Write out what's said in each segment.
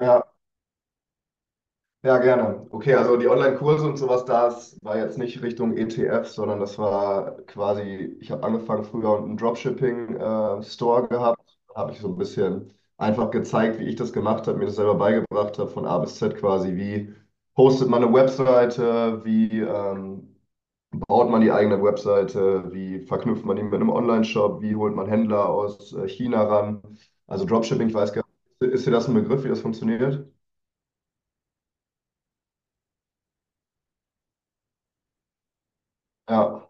Ja, ja, gerne. Okay, also die Online-Kurse und sowas, das war jetzt nicht Richtung ETF, sondern das war quasi, ich habe angefangen früher einen Dropshipping-Store gehabt, habe ich so ein bisschen einfach gezeigt, wie ich das gemacht habe, mir das selber beigebracht habe, von A bis Z quasi, wie hostet man eine Webseite, wie baut man die eigene Webseite, wie verknüpft man die mit einem Online-Shop, wie holt man Händler aus China ran. Also Dropshipping, ich weiß gar nicht, ist dir das ein Begriff, wie das funktioniert? Ja,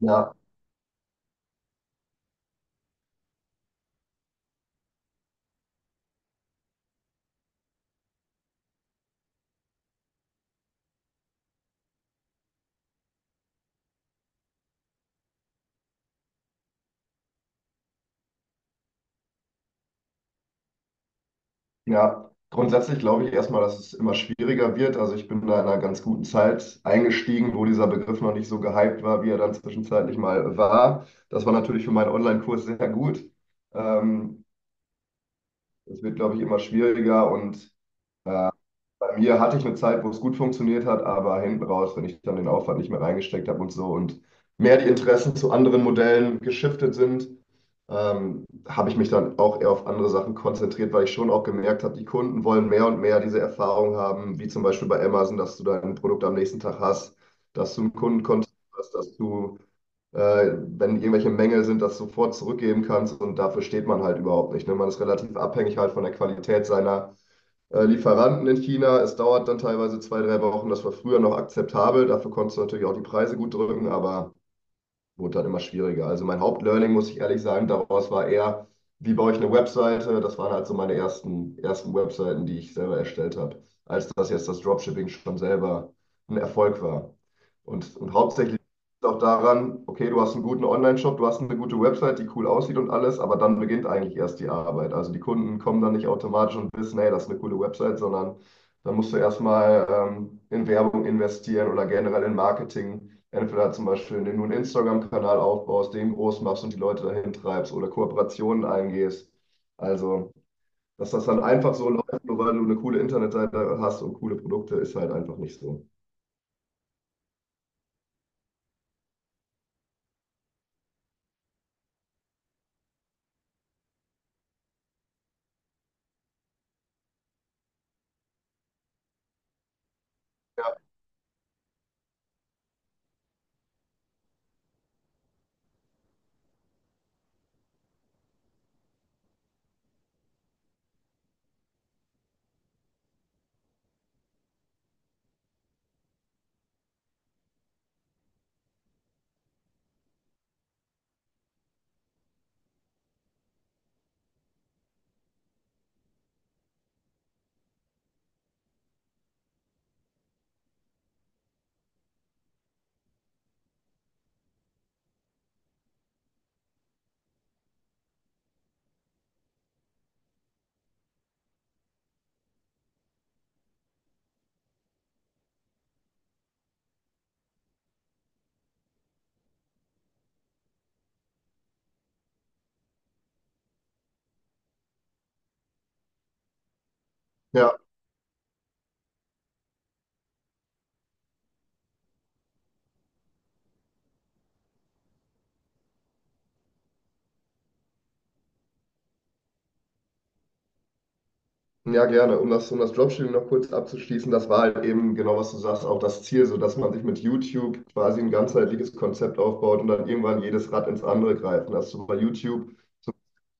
ja, ja, grundsätzlich glaube ich erstmal, dass es immer schwieriger wird. Also ich bin da in einer ganz guten Zeit eingestiegen, wo dieser Begriff noch nicht so gehypt war, wie er dann zwischenzeitlich mal war. Das war natürlich für meinen Online-Kurs sehr gut. Ähm, es wird, glaube ich, immer schwieriger und bei mir hatte ich eine Zeit, wo es gut funktioniert hat, aber hinten raus, wenn ich dann den Aufwand nicht mehr reingesteckt habe und so und mehr die Interessen zu anderen Modellen geschiftet sind, habe ich mich dann auch eher auf andere Sachen konzentriert, weil ich schon auch gemerkt habe, die Kunden wollen mehr und mehr diese Erfahrung haben, wie zum Beispiel bei Amazon, dass du dein Produkt am nächsten Tag hast, dass du einen Kundenkontakt hast, dass du, äh, wenn irgendwelche Mängel sind, das sofort zurückgeben kannst und dafür steht man halt überhaupt nicht. Ne? Man ist relativ abhängig halt von der Qualität seiner Lieferanten in China. Es dauert dann teilweise zwei, drei Wochen. Das war früher noch akzeptabel. Dafür konntest du natürlich auch die Preise gut drücken, aber wurde dann immer schwieriger. Also mein Hauptlearning, muss ich ehrlich sagen, daraus war eher, wie baue ich eine Webseite? Das waren halt so meine ersten Webseiten, die ich selber erstellt habe, als dass jetzt das Dropshipping schon selber ein Erfolg war. Und hauptsächlich auch daran, okay, du hast einen guten Online-Shop, du hast eine gute Website, die cool aussieht und alles, aber dann beginnt eigentlich erst die Arbeit. Also die Kunden kommen dann nicht automatisch und wissen, hey, das ist eine coole Website, sondern dann musst du erstmal in Werbung investieren oder generell in Marketing. Entweder zum Beispiel, indem du einen Instagram-Kanal aufbaust, den groß machst und die Leute dahin treibst oder Kooperationen eingehst. Also, dass das dann einfach so läuft, nur weil du eine coole Internetseite hast und coole Produkte, ist halt einfach nicht so. Ja, ja, gerne. Um das Dropshipping noch kurz abzuschließen, das war halt eben genau, was du sagst, auch das Ziel, so dass man sich mit YouTube quasi ein ganzheitliches Konzept aufbaut und dann irgendwann jedes Rad ins andere greift. Und dass du bei YouTube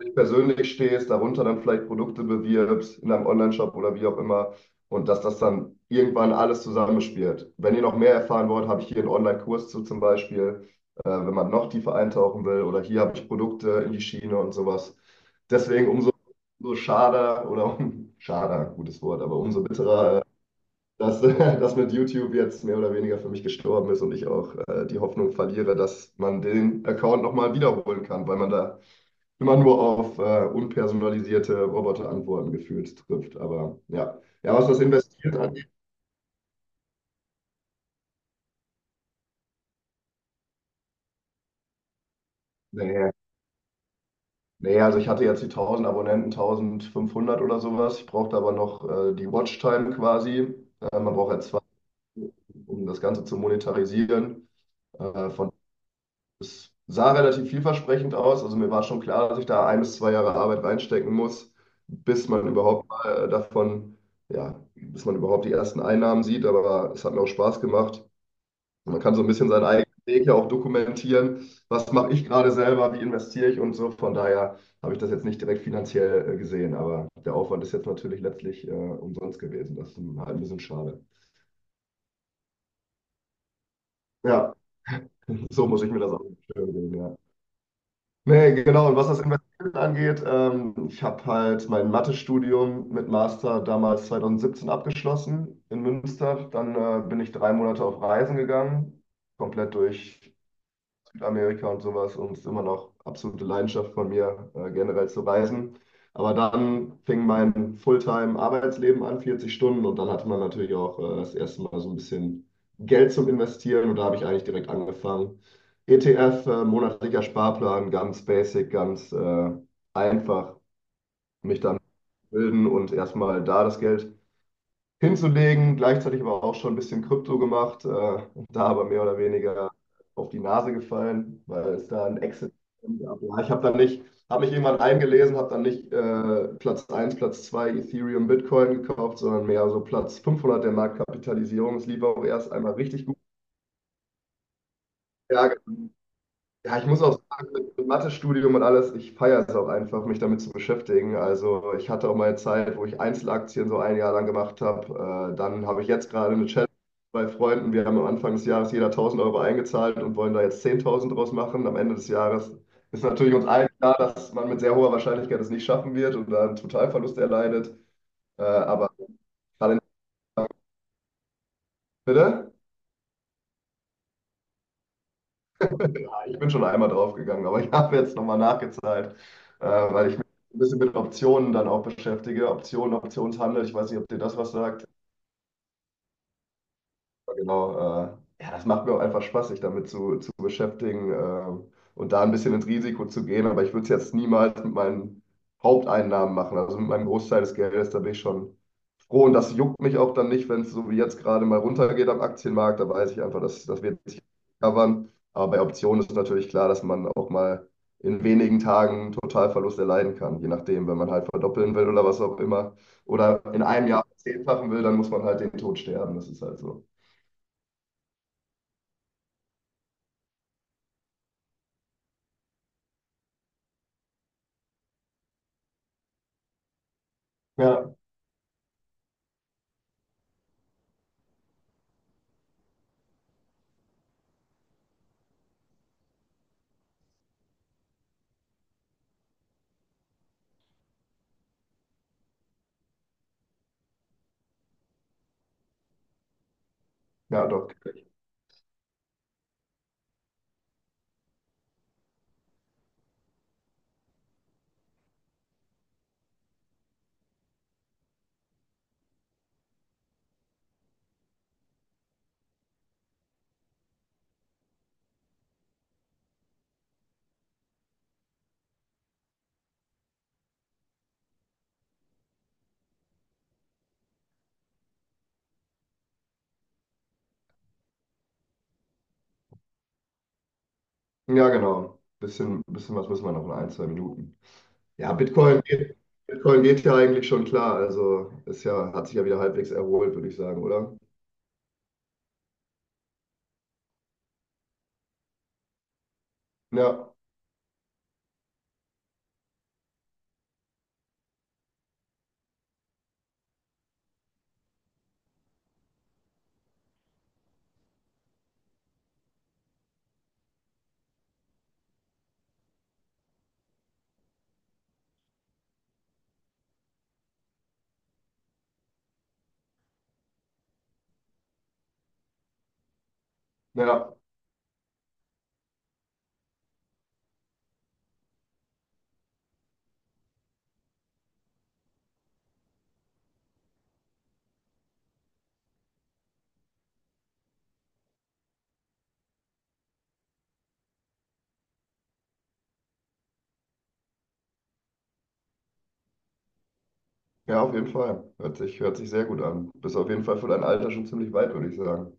dich persönlich stehst, darunter dann vielleicht Produkte bewirbst, in einem Onlineshop oder wie auch immer. Und dass das dann irgendwann alles zusammenspielt. Wenn ihr noch mehr erfahren wollt, habe ich hier einen Online-Kurs zu zum Beispiel, wenn man noch tiefer eintauchen will. Oder hier habe ich Produkte in die Schiene und sowas. Deswegen umso schade oder um, schade, gutes Wort, aber umso bitterer, dass das mit YouTube jetzt mehr oder weniger für mich gestorben ist und ich auch die Hoffnung verliere, dass man den Account nochmal wiederholen kann, weil man da immer nur auf unpersonalisierte Roboterantworten gefühlt trifft. Aber ja. Ja, was das investiert angeht, nee, nee, also ich hatte jetzt die 1000 Abonnenten, 1500 oder sowas. Ich brauchte aber noch die Watchtime quasi. Man braucht ja zwei, um das Ganze zu monetarisieren. Äh, von, Es sah relativ vielversprechend aus. Also mir war schon klar, dass ich da 1 bis 2 Jahre Arbeit reinstecken muss, bis man überhaupt mal ja, bis man überhaupt die ersten Einnahmen sieht. Aber es hat mir auch Spaß gemacht. Man kann so ein bisschen seinen eigenen Weg ja auch dokumentieren. Was mache ich gerade selber? Wie investiere ich und so. Von daher habe ich das jetzt nicht direkt finanziell gesehen, aber der Aufwand ist jetzt natürlich letztlich umsonst gewesen. Das ist halt ein bisschen schade. Ja, so muss ich mir das auch vorstellen, ja. Nee, genau. Und was das Investieren angeht, ich habe halt mein Mathestudium mit Master damals 2017 abgeschlossen in Münster. Dann bin ich 3 Monate auf Reisen gegangen, komplett durch Südamerika und sowas und es ist immer noch absolute Leidenschaft von mir, generell zu reisen. Aber dann fing mein Fulltime-Arbeitsleben an, 40 Stunden, und dann hatte man natürlich auch das erste Mal so ein bisschen Geld zum Investieren und da habe ich eigentlich direkt angefangen. ETF, monatlicher Sparplan, ganz basic, ganz einfach mich dann bilden und erstmal da das Geld hinzulegen, gleichzeitig aber auch schon ein bisschen Krypto gemacht, und da aber mehr oder weniger auf die Nase gefallen, weil es da ein Exit gab. Ja, ich habe dann nicht, habe mich irgendwann eingelesen, habe dann nicht Platz 1, Platz 2 Ethereum, Bitcoin gekauft, sondern mehr so Platz 500 der Marktkapitalisierung. Es lief auch erst einmal richtig gut. Ja, genau. Ja, ich muss auch sagen, mit Mathestudium und alles, ich feiere es auch einfach, mich damit zu beschäftigen. Also ich hatte auch mal eine Zeit, wo ich Einzelaktien so ein Jahr lang gemacht habe. Dann habe ich jetzt gerade eine Challenge bei Freunden. Wir haben am Anfang des Jahres jeder 1.000 Euro eingezahlt und wollen da jetzt 10.000 draus machen. Am Ende des Jahres ist natürlich uns allen klar, dass man mit sehr hoher Wahrscheinlichkeit es nicht schaffen wird und dann einen Totalverlust erleidet. Aber gerade, bitte? Ich bin schon einmal draufgegangen, aber ich habe jetzt nochmal nachgezahlt, weil ich mich ein bisschen mit Optionen dann auch beschäftige. Optionen, Optionshandel, ich weiß nicht, ob dir das was sagt. Ja, genau, ja, das macht mir auch einfach Spaß, sich damit zu beschäftigen und da ein bisschen ins Risiko zu gehen. Aber ich würde es jetzt niemals mit meinen Haupteinnahmen machen, also mit meinem Großteil des Geldes. Da bin ich schon froh und das juckt mich auch dann nicht, wenn es so wie jetzt gerade mal runtergeht am Aktienmarkt. Da weiß ich einfach, dass das wird sich covern. Aber bei Optionen ist natürlich klar, dass man auch mal in wenigen Tagen einen Totalverlust erleiden kann, je nachdem, wenn man halt verdoppeln will oder was auch immer. Oder in einem Jahr zehnfachen will, dann muss man halt den Tod sterben. Das ist halt so. Ja, ja, doch. Ja, genau. Bisschen, bisschen was müssen wir noch in ein, zwei Minuten. Ja, Bitcoin geht ja eigentlich schon klar. Also ist ja, hat sich ja wieder halbwegs erholt, würde ich sagen, oder? Ja, ja, ja, auf jeden Fall. Hört sich sehr gut an. Bist auf jeden Fall für dein Alter schon ziemlich weit, würde ich sagen.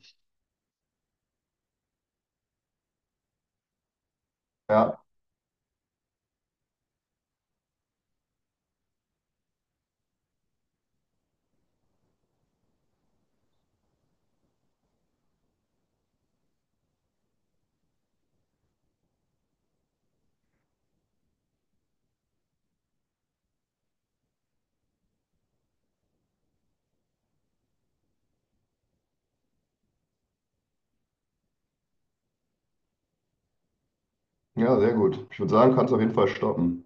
Ja, ja, sehr gut. Ich würde sagen, kannst auf jeden Fall stoppen.